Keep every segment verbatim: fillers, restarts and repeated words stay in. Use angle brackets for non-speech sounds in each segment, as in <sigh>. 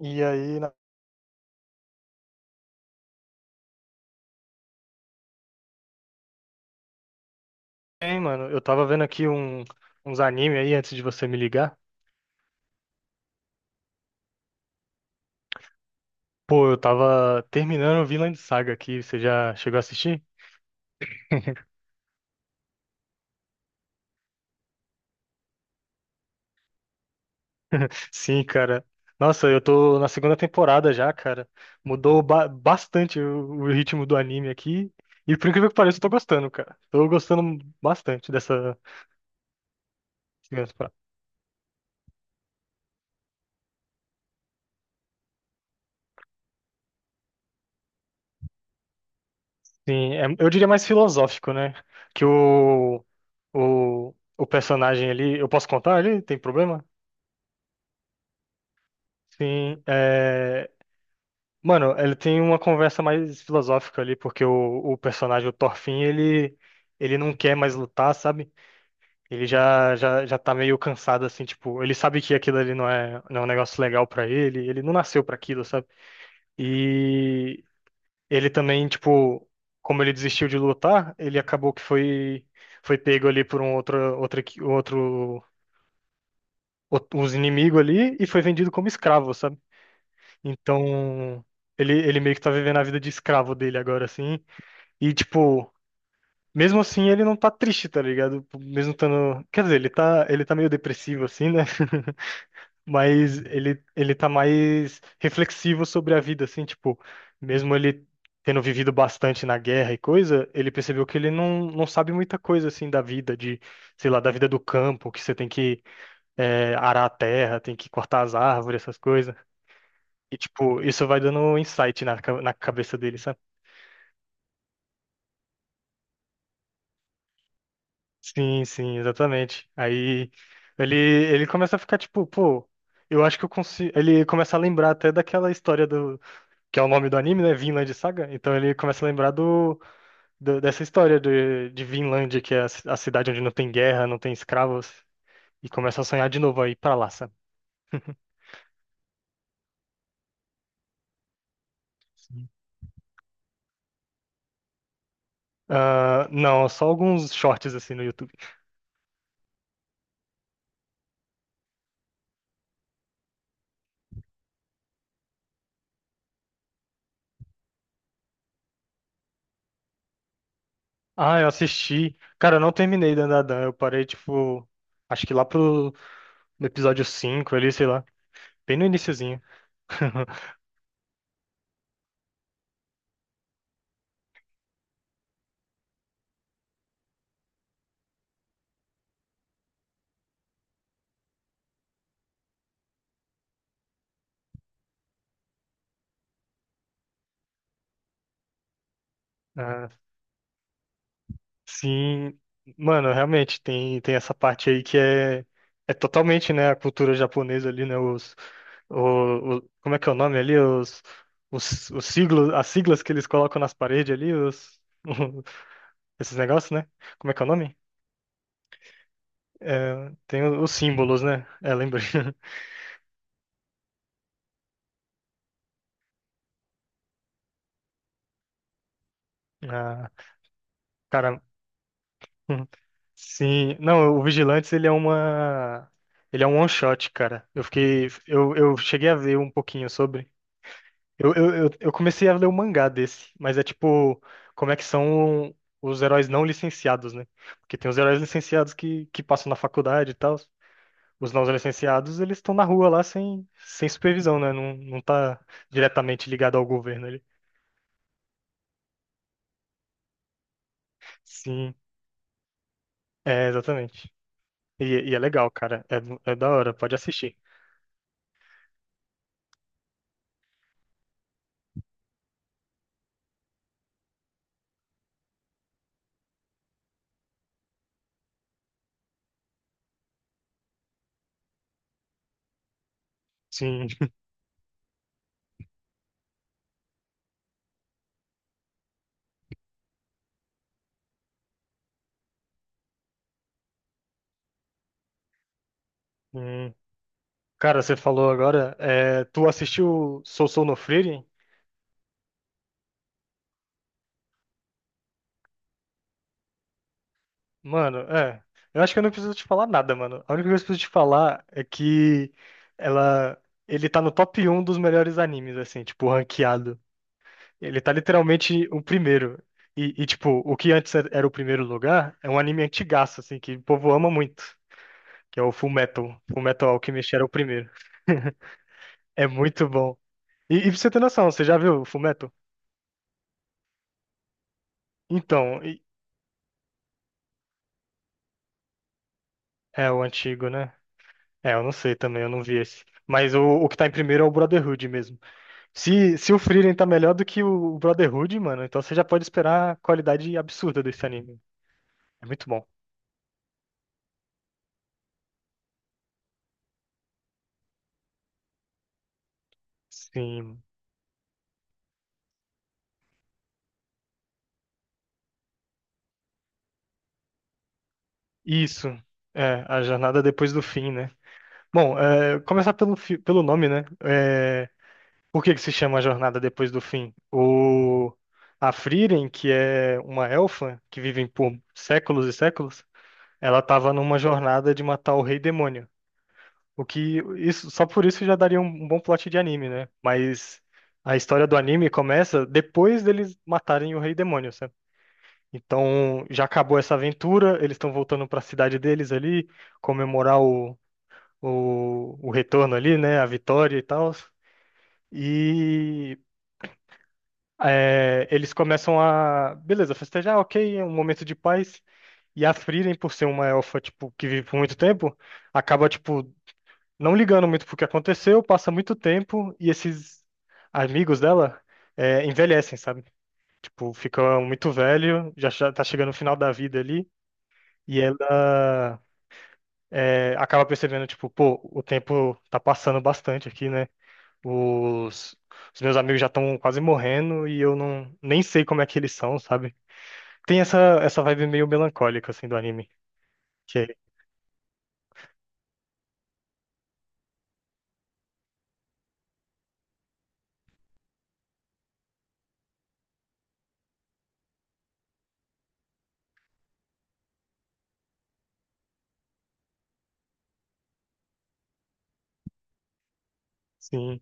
E aí, na- hein, mano, eu tava vendo aqui um, uns anime aí antes de você me ligar. Pô, eu tava terminando o Vinland Saga aqui. Você já chegou a assistir? <laughs> Sim, cara. Nossa, eu tô na segunda temporada já, cara. Mudou ba- bastante o, o ritmo do anime aqui. E por incrível que pareça, eu tô gostando, cara. Tô gostando bastante dessa segunda temporada. Sim, é- eu diria mais filosófico, né? Que o, o, o personagem ali. Eu posso contar ali? Tem problema? Sim, é. Mano, ele tem uma conversa mais filosófica ali, porque o, o personagem, o Thorfinn, ele, ele não quer mais lutar, sabe? Ele já, já, já tá meio cansado, assim, tipo, ele sabe que aquilo ali não é, não é um negócio legal pra ele, ele não nasceu pra aquilo, sabe? E ele também, tipo, como ele desistiu de lutar, ele acabou que foi, foi pego ali por um outro, outro, equi- outro, outro, uns inimigos ali e foi vendido como escravo, sabe? Então, ele, ele meio que tá vivendo a vida de escravo dele agora, assim. E, tipo, mesmo assim ele não tá triste, tá ligado? Mesmo estando. Quer dizer, ele tá, ele tá meio depressivo, assim, né? <laughs> Mas ele, ele tá mais reflexivo sobre a vida, assim, tipo, mesmo ele tendo vivido bastante na guerra e coisa, ele percebeu que ele não, não sabe muita coisa, assim, da vida, de, sei lá, da vida do campo, que você tem que é, arar a terra, tem que cortar as árvores, essas coisas. E, tipo, isso vai dando um insight na, ca- na cabeça dele, sabe? Sim, sim, exatamente. Aí ele, ele começa a ficar tipo, pô, eu acho que eu consigo. Ele começa a lembrar até daquela história do. Que é o nome do anime, né? Vinland Saga. Então ele começa a lembrar do, do- dessa história de, de Vinland, que é a, ci- a cidade onde não tem guerra, não tem escravos. E começa a sonhar de novo aí pra lá, sabe? Sim. Ah, não, só alguns shorts assim no YouTube. Ah, eu assisti. Cara, eu não terminei Dan Dan. Eu parei, tipo, acho que lá pro no episódio cinco ali, sei lá. Bem no iniciozinho. <laughs> Ah, sim, mano, realmente tem, tem essa parte aí que é, é totalmente, né, a cultura japonesa ali, né, os, o, o- como é que é o nome ali, os, os, os siglos, as siglas que eles colocam nas paredes ali, os, <laughs> esses negócios, né, como é que é o nome? É, tem o- os símbolos, né, é, lembrei, <laughs> ah, cara, hum, sim, não, o Vigilantes, ele é uma, ele é um one-shot, cara, eu fiquei, eu, eu cheguei a ver um pouquinho sobre, Eu, eu, eu eu comecei a ler o mangá desse, mas é tipo, como é que são os heróis não licenciados, né? Porque tem os heróis licenciados que, que passam na faculdade e tal. Os não licenciados, eles estão na rua lá sem, sem supervisão, né? Não, não tá diretamente ligado ao governo ali. Sim, é, exatamente. E, e é legal, cara. É, é da hora, pode assistir. Sim. Hum. Cara, você falou agora, é, tu assistiu Sousou no Frieren? Mano, é. Eu acho que eu não preciso te falar nada, mano. A única coisa que eu preciso te falar é que ela, ele tá no top um dos melhores animes, assim, tipo, ranqueado. Ele tá literalmente o primeiro. E, e, tipo, o que antes era era o primeiro lugar é um anime antigaço, assim, que o povo ama muito, que é o Fullmetal. Fullmetal Alchemist era o primeiro. <laughs> É muito bom. E, e pra você ter noção, você já viu o Fullmetal? Então, e- é o antigo, né? É, eu não sei também, eu não vi esse. Mas o, o que tá em primeiro é o Brotherhood mesmo. Se, se o Frieren tá melhor do que o Brotherhood, mano, então você já pode esperar a qualidade absurda desse anime. É muito bom. Sim. Isso. É, a jornada depois do fim, né? Bom, é, começar pelo, fi- pelo nome, né? É, por que que se chama a jornada depois do fim? O, a Frieren, que é uma elfa que vive por séculos e séculos, ela tava numa jornada de matar o rei demônio. O que isso só por isso já daria um, um bom plot de anime, né? Mas a história do anime começa depois deles matarem o Rei Demônio, sabe? Então já acabou essa aventura, eles estão voltando para a cidade deles ali, comemorar o, o, o retorno ali, né? A vitória e tal. E é, eles começam a, beleza, festejar, ok, é um momento de paz. E a Frieren, por ser uma elfa, tipo, que vive por muito tempo, acaba, tipo, não ligando muito pro que aconteceu, passa muito tempo e esses amigos dela é, envelhecem, sabe? Tipo, ficam muito velho, já já tá chegando no final da vida ali e ela é, acaba percebendo, tipo, pô, o tempo tá passando bastante aqui, né? Os, os meus amigos já estão quase morrendo e eu não nem sei como é que eles são, sabe? Tem essa essa vibe meio melancólica assim do anime, que é, sim,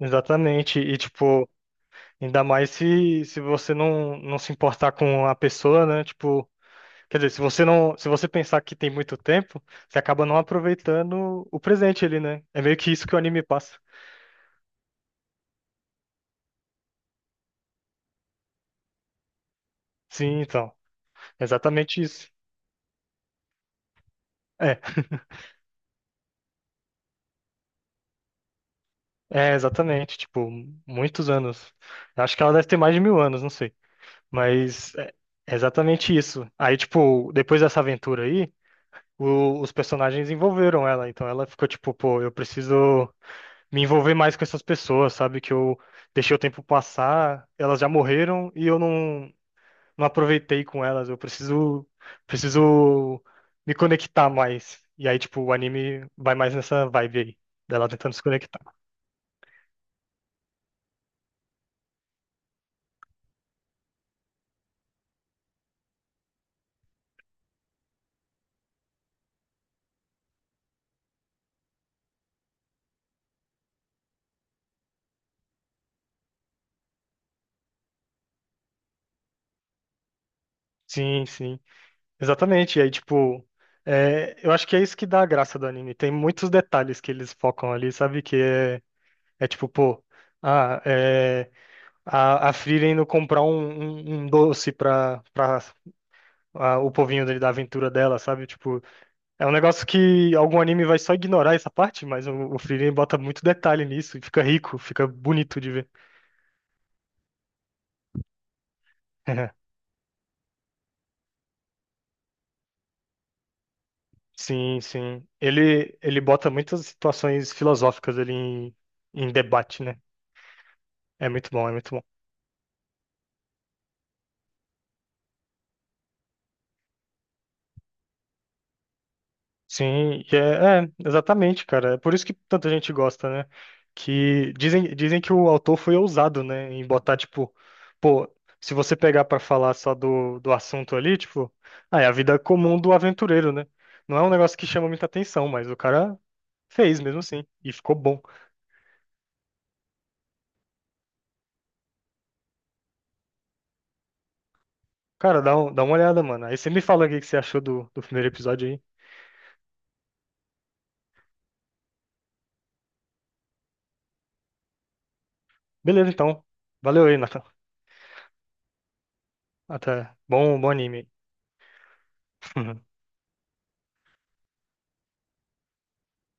exatamente. E tipo. Ainda mais se, se você não, não se importar com a pessoa, né? Tipo, quer dizer, se você não, se você pensar que tem muito tempo, você acaba não aproveitando o presente ali, né? É meio que isso que o anime passa. Sim, então, exatamente isso. É, é exatamente, tipo, muitos anos. Eu acho que ela deve ter mais de mil anos, não sei. Mas é é exatamente isso. Aí, tipo, depois dessa aventura aí, o- os personagens envolveram ela. Então ela ficou tipo, pô, eu preciso me envolver mais com essas pessoas, sabe? Que eu deixei o tempo passar, elas já morreram e eu não, não aproveitei com elas. Eu preciso, preciso me conectar mais. E aí, tipo, o anime vai mais nessa vibe aí, dela tentando se conectar. Sim, sim, exatamente. E aí, tipo, é, eu acho que é isso que dá a graça do anime. Tem muitos detalhes que eles focam ali, sabe? Que é, é tipo, pô. Ah, é, a, a Frieren indo comprar um, um- um doce pra, pra a- o povinho dele da aventura dela, sabe? Tipo, é um negócio que algum anime vai só ignorar essa parte, mas o, o Frieren bota muito detalhe nisso e fica rico, fica bonito de ver. <laughs> Sim, sim. Ele, ele bota muitas situações filosóficas ali em, em debate, né? É muito bom, é muito bom. Sim, e é, é, exatamente, cara. É por isso que tanta gente gosta, né? Que dizem, dizem que o autor foi ousado, né? Em botar, tipo, pô, se você pegar pra falar só do, do assunto ali, tipo, ah, é a vida comum do aventureiro, né? Não é um negócio que chama muita atenção, mas o cara fez mesmo assim, e ficou bom. Cara, dá, um- dá uma olhada, mano. Aí você me fala o que que você achou do, do primeiro episódio aí. Beleza, então. Valeu aí, Nathan. Até. Bom, bom anime. Aí. <laughs>